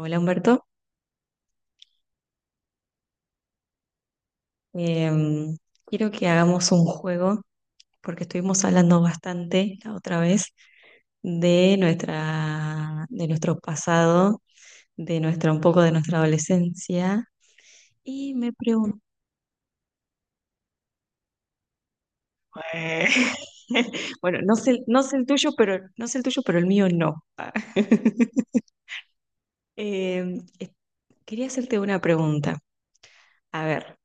Hola, Humberto. Em, quiero que hagamos un juego porque estuvimos hablando bastante la otra vez de nuestra, de nuestro pasado, de nuestra, un poco de nuestra adolescencia y me pregunto, bueno, no sé, no sé el tuyo, pero no sé el tuyo, pero el mío no. Em, eh, quería hacerte una pregunta. A ver,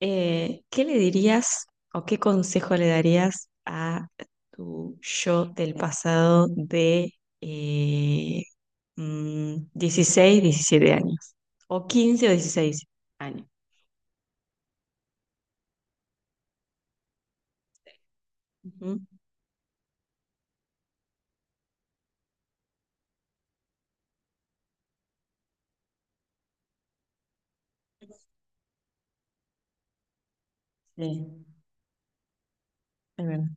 ¿Qué le dirías o qué consejo le darías a tu yo del pasado de eh, 16, 17 años? O 15 o 16 años. Ujú. Sí, es verdad.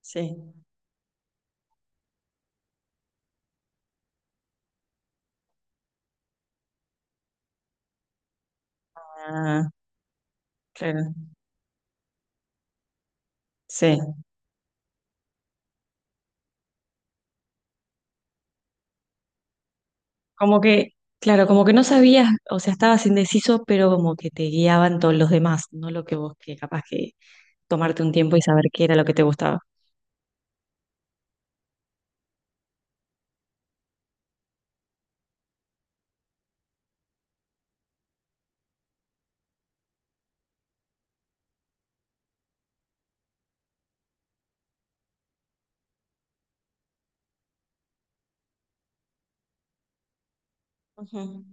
Sí. Ah, claro. Sí. Como que, claro, como que no sabías, o sea, estabas indeciso, pero como que te guiaban todos los demás, no lo que vos, que capaz que tomarte un tiempo y saber qué era lo que te gustaba. Ujú.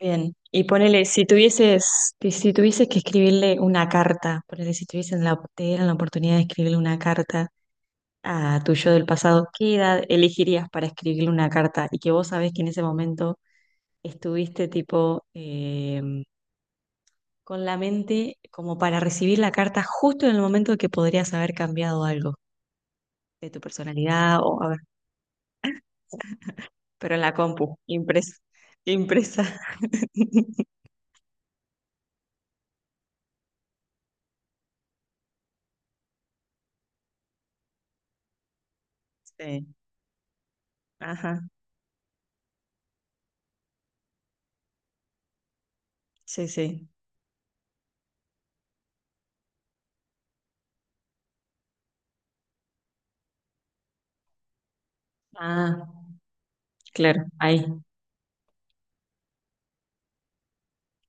Bien, y ponele, si tuvieses, si tuvieses que escribirle una carta, ponele, si tuviesen la, te dieran la oportunidad de escribirle una carta a tu yo del pasado, ¿qué edad elegirías para escribirle una carta? Y que vos sabés que en ese momento estuviste tipo con la mente como para recibir la carta justo en el momento que podrías haber cambiado algo de tu personalidad o a ver, pero en la compu, impresa, impresa. Sí, ajá, sí, sí. Ah, claro, ahí.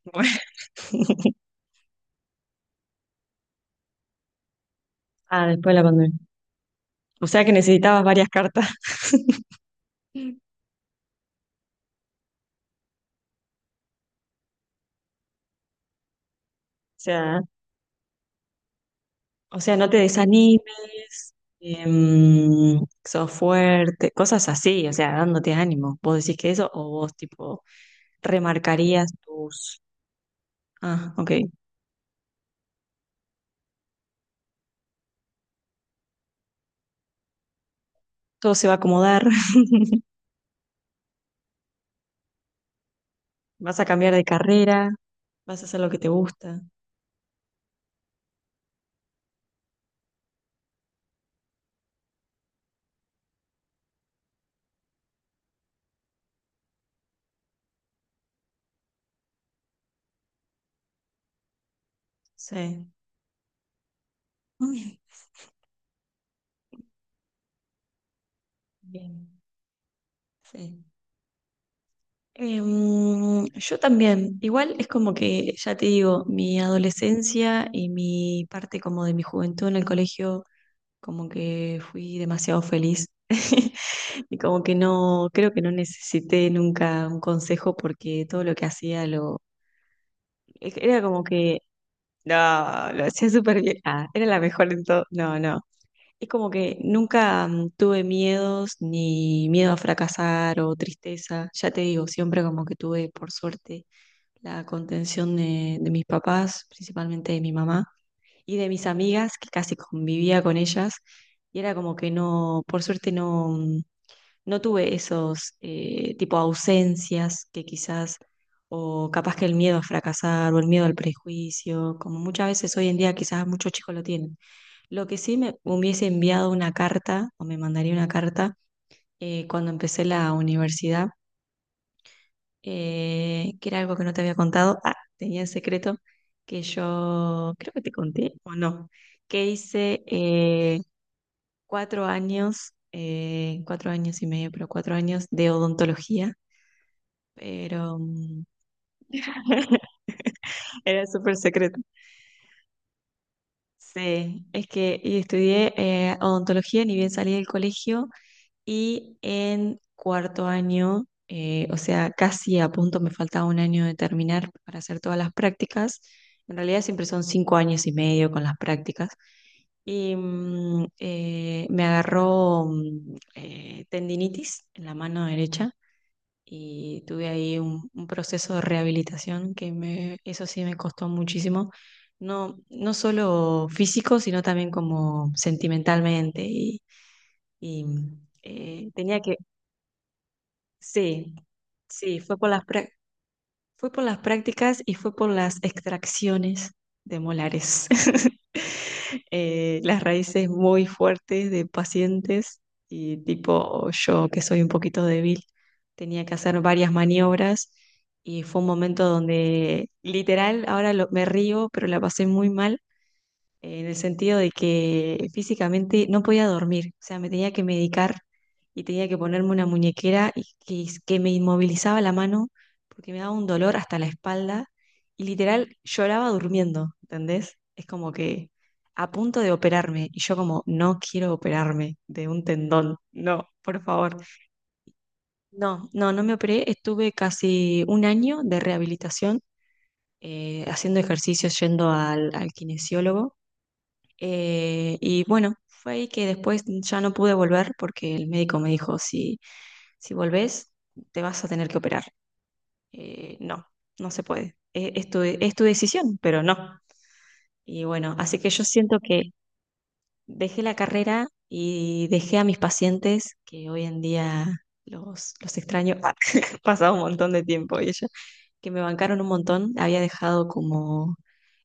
Bueno. Ah, después de la pandemia. O sea que necesitabas varias cartas. O sea, o sea, no te desanimes, sos fuerte, cosas así, o sea, dándote ánimo. ¿Vos decís que eso o vos tipo remarcarías tus...? Ah, ok. Todo se va a acomodar, vas a cambiar de carrera, vas a hacer lo que te gusta. Sí. Uy, bien, sí. Yo también, igual es como que, ya te digo, mi adolescencia y mi parte como de mi juventud en el colegio, como que fui demasiado feliz y como que no, creo que no necesité nunca un consejo porque todo lo que hacía lo, era como que, no, lo hacía súper bien, ah, era la mejor en todo, no, no. Es como que nunca tuve miedos, ni miedo a fracasar o tristeza. Ya te digo, siempre como que tuve, por suerte, la contención de mis papás, principalmente de mi mamá, y de mis amigas, que casi convivía con ellas, y era como que no, por suerte no, no tuve esos tipo ausencias que quizás, o capaz que el miedo a fracasar, o el miedo al prejuicio, como muchas veces hoy en día quizás muchos chicos lo tienen. Lo que sí me hubiese enviado una carta, o me mandaría una carta, cuando empecé la universidad, que era algo que no te había contado. Ah, tenía en secreto que yo, creo que te conté o no, que hice 4 años, 4 años y medio, pero 4 años de odontología, pero era súper secreto. Sí, es que y estudié odontología, ni bien salí del colegio. Y en cuarto año, o sea, casi a punto me faltaba un año de terminar para hacer todas las prácticas. En realidad siempre son 5 años y medio con las prácticas. Y me agarró tendinitis en la mano derecha y tuve ahí un proceso de rehabilitación que me, eso sí me costó muchísimo. No, no solo físico, sino también como sentimentalmente y, tenía que. Sí, sí, fue por las prácticas y fue por las extracciones de molares. Las raíces muy fuertes de pacientes y tipo yo que soy un poquito débil, tenía que hacer varias maniobras y fue un momento donde literal, me río, pero la pasé muy mal en el sentido de que físicamente no podía dormir, o sea, me tenía que medicar y tenía que ponerme una muñequera y que me inmovilizaba la mano porque me daba un dolor hasta la espalda y literal lloraba durmiendo, ¿entendés? Es como que a punto de operarme y yo como, no quiero operarme de un tendón, no, por favor. No, no, no me operé, estuve casi un año de rehabilitación. Haciendo ejercicios, yendo al kinesiólogo, y bueno, fue ahí que después ya no pude volver porque el médico me dijo, si volvés, te vas a tener que operar. No, no se puede. Es tu decisión, pero no. Y bueno, así que yo siento que dejé la carrera y dejé a mis pacientes, que hoy en día los extraño. Ha pasado un montón de tiempo y ellos que me bancaron un montón. Había dejado como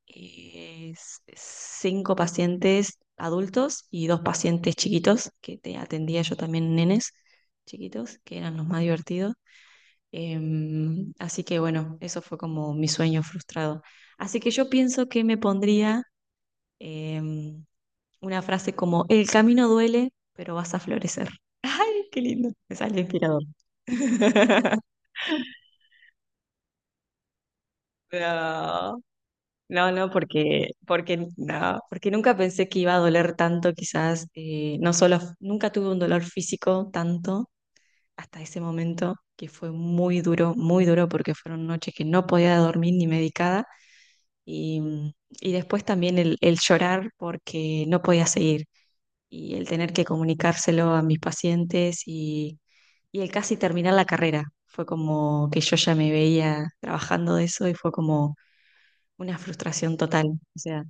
cinco pacientes adultos y dos pacientes chiquitos, que te atendía yo también nenes chiquitos, que eran los más divertidos. Así que bueno, eso fue como mi sueño frustrado. Así que yo pienso que me pondría em, una frase como, el camino duele, pero vas a florecer. ¡Ay, qué lindo! Me sale inspirador. No. No, no, no, porque nunca pensé que iba a doler tanto, quizás, no solo, nunca tuve un dolor físico tanto hasta ese momento, que fue muy duro, porque fueron noches que no podía dormir ni medicada, y, y después también el llorar porque no podía seguir, y el tener que comunicárselo a mis pacientes, y el casi terminar la carrera, fue como que yo ya me veía trabajando de eso, y fue como una frustración total. O sea,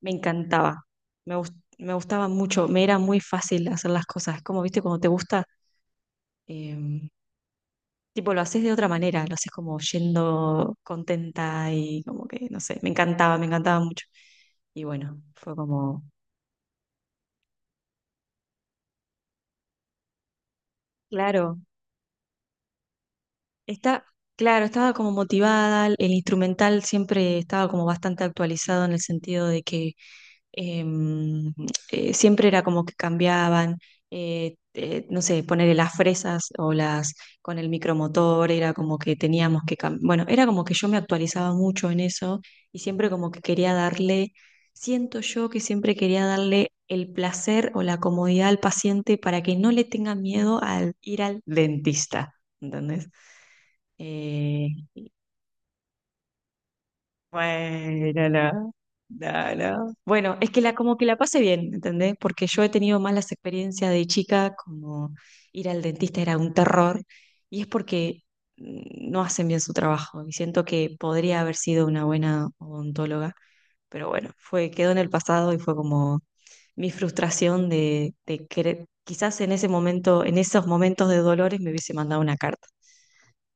me encantaba. Me, gus- me gustaba mucho, me era muy fácil hacer las cosas. Es como, viste, cuando te gusta, em, tipo, lo haces de otra manera, lo haces como yendo contenta y como que, no sé, me encantaba mucho. Y bueno, fue como, claro, está, claro, estaba como motivada, el instrumental siempre estaba como bastante actualizado en el sentido de que em, siempre era como que cambiaban, no sé, ponerle las fresas o las con el micromotor, era como que teníamos que cambiar, bueno, era como que yo me actualizaba mucho en eso y siempre como que quería darle, siento yo que siempre quería darle el placer o la comodidad al paciente para que no le tenga miedo al ir al dentista, ¿entendés? Eh, Bueno, no, no, no. Bueno, es que la como que la pasé bien, ¿entendés? Porque yo he tenido malas experiencias de chica, como ir al dentista era un terror, y es porque no hacen bien su trabajo, y siento que podría haber sido una buena odontóloga, pero bueno, fue, quedó en el pasado y fue como mi frustración de, querer, quizás en ese momento, en esos momentos de dolores me hubiese mandado una carta,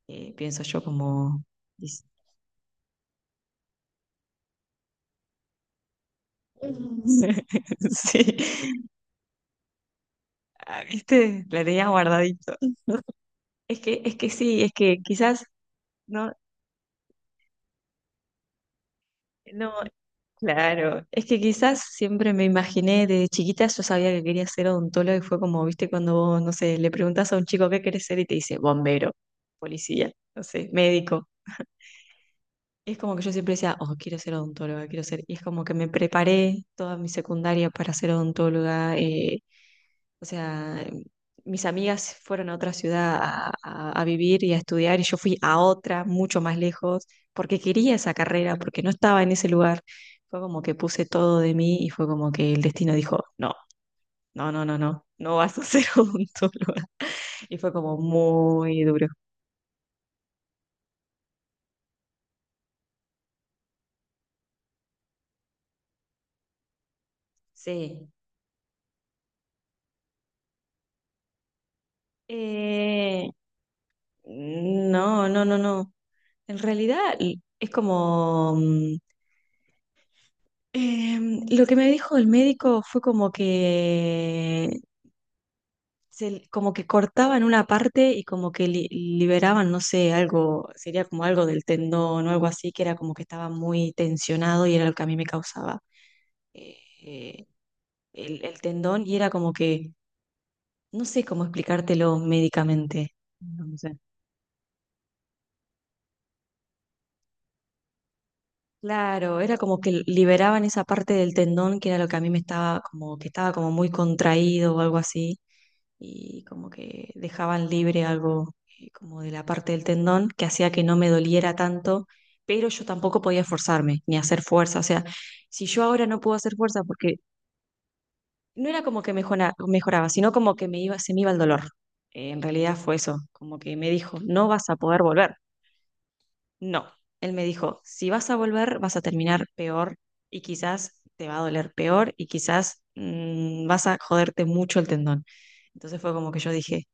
pienso yo como... Sí, Ah, ¿viste? La tenía guardadito. Es que sí, es que quizás, no, no, claro, es que quizás siempre me imaginé desde chiquita, yo sabía que quería ser odontólogo y fue como, viste, cuando vos, no sé, le preguntás a un chico qué querés ser y te dice bombero, policía, no sé, médico. Y es como que yo siempre decía, oh, quiero ser odontóloga, quiero ser, y es como que me preparé toda mi secundaria para ser odontóloga. O sea, mis amigas fueron a otra ciudad a, a vivir y a estudiar y yo fui a otra, mucho más lejos, porque quería esa carrera, porque no estaba en ese lugar. Fue como que puse todo de mí y fue como que el destino dijo, no, no, no, no, no, no vas a ser odontóloga. Y fue como muy duro. Sí. Eh, no, no, no, no. En realidad es como... lo que me dijo el médico fue como que como que cortaban una parte y como que liberaban, no sé, algo, sería como algo del tendón o algo así, que era como que estaba muy tensionado y era lo que a mí me causaba eh, eh, el tendón y era como que, no sé cómo explicártelo médicamente. No, no sé. Claro, era como que liberaban esa parte del tendón que era lo que a mí me estaba como que estaba como muy contraído o algo así y como que dejaban libre algo, como de la parte del tendón que hacía que no me doliera tanto, pero yo tampoco podía esforzarme ni hacer fuerza. O sea, si yo ahora no puedo hacer fuerza, porque no era como que mejoraba, sino como que me iba, se me iba el dolor. En realidad fue eso, como que me dijo, no vas a poder volver. No, él me dijo, si vas a volver, vas a terminar peor y quizás te va a doler peor y quizás vas a joderte mucho el tendón. Entonces fue como que yo dije,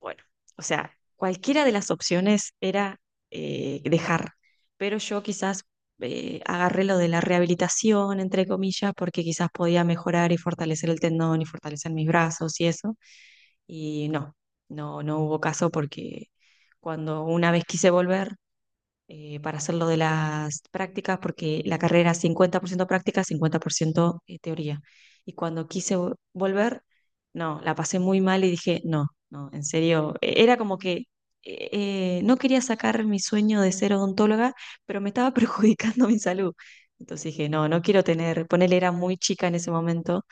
bueno, o sea, cualquiera de las opciones era dejar, pero yo quizás agarré lo de la rehabilitación, entre comillas, porque quizás podía mejorar y fortalecer el tendón y fortalecer mis brazos y eso, y no, no, no hubo caso porque cuando una vez quise volver, para hacer lo de las prácticas, porque la carrera es 50% práctica, 50% teoría. Y cuando quise volver, no, la pasé muy mal y dije, no, no, en serio, era como que eh, no quería sacar mi sueño de ser odontóloga, pero me estaba perjudicando mi salud. Entonces dije, no, no quiero tener, ponele, era muy chica en ese momento,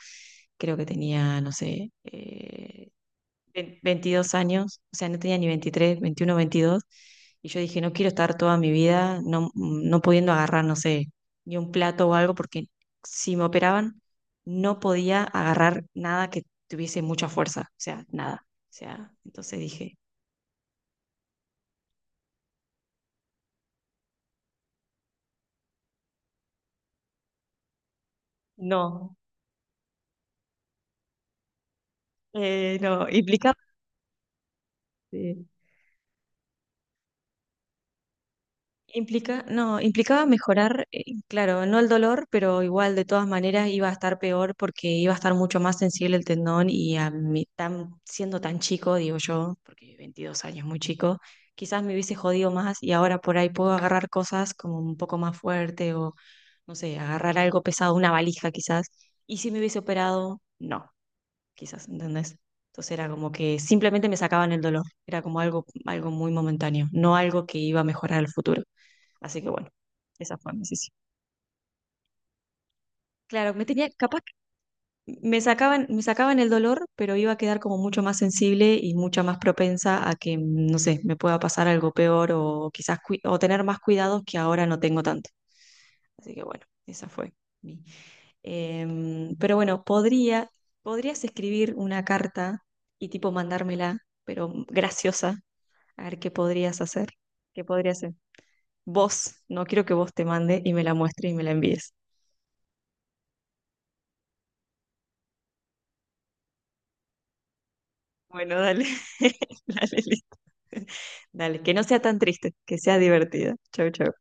creo que tenía, no sé, 22 años, o sea, no tenía ni 23 21 22 y yo dije, no quiero estar toda mi vida no, no pudiendo agarrar, no sé, ni un plato o algo, porque si me operaban, no podía agarrar nada que tuviese mucha fuerza, o sea, nada. O sea, entonces dije, no, no, implicaba. Implicaba mejorar, claro, no el dolor, pero igual de todas maneras iba a estar peor porque iba a estar mucho más sensible el tendón y a mí, tan, siendo tan chico, digo yo, porque 22 años, muy chico, quizás me hubiese jodido más y ahora por ahí puedo agarrar cosas como un poco más fuerte o, no sé, agarrar algo pesado, una valija quizás, y si me hubiese operado, no, quizás, ¿entendés? Entonces era como que simplemente me sacaban el dolor, era como algo, algo muy momentáneo, no algo que iba a mejorar el futuro. Así que bueno, esa fue mi decisión. Claro, me tenía, capaz que me sacaban el dolor, pero iba a quedar como mucho más sensible y mucha más propensa a que, no sé, me pueda pasar algo peor o quizás o tener más cuidados que ahora no tengo tanto. Así que bueno, esa fue mi. Pero bueno, podría, podrías escribir una carta y tipo mandármela, pero graciosa, a ver qué podrías hacer, qué podrías hacer. Vos, no quiero que vos te mande y me la muestres y me la envíes. Bueno, dale. Dale, listo. Dale, que no sea tan triste, que sea divertida. Chau, chau.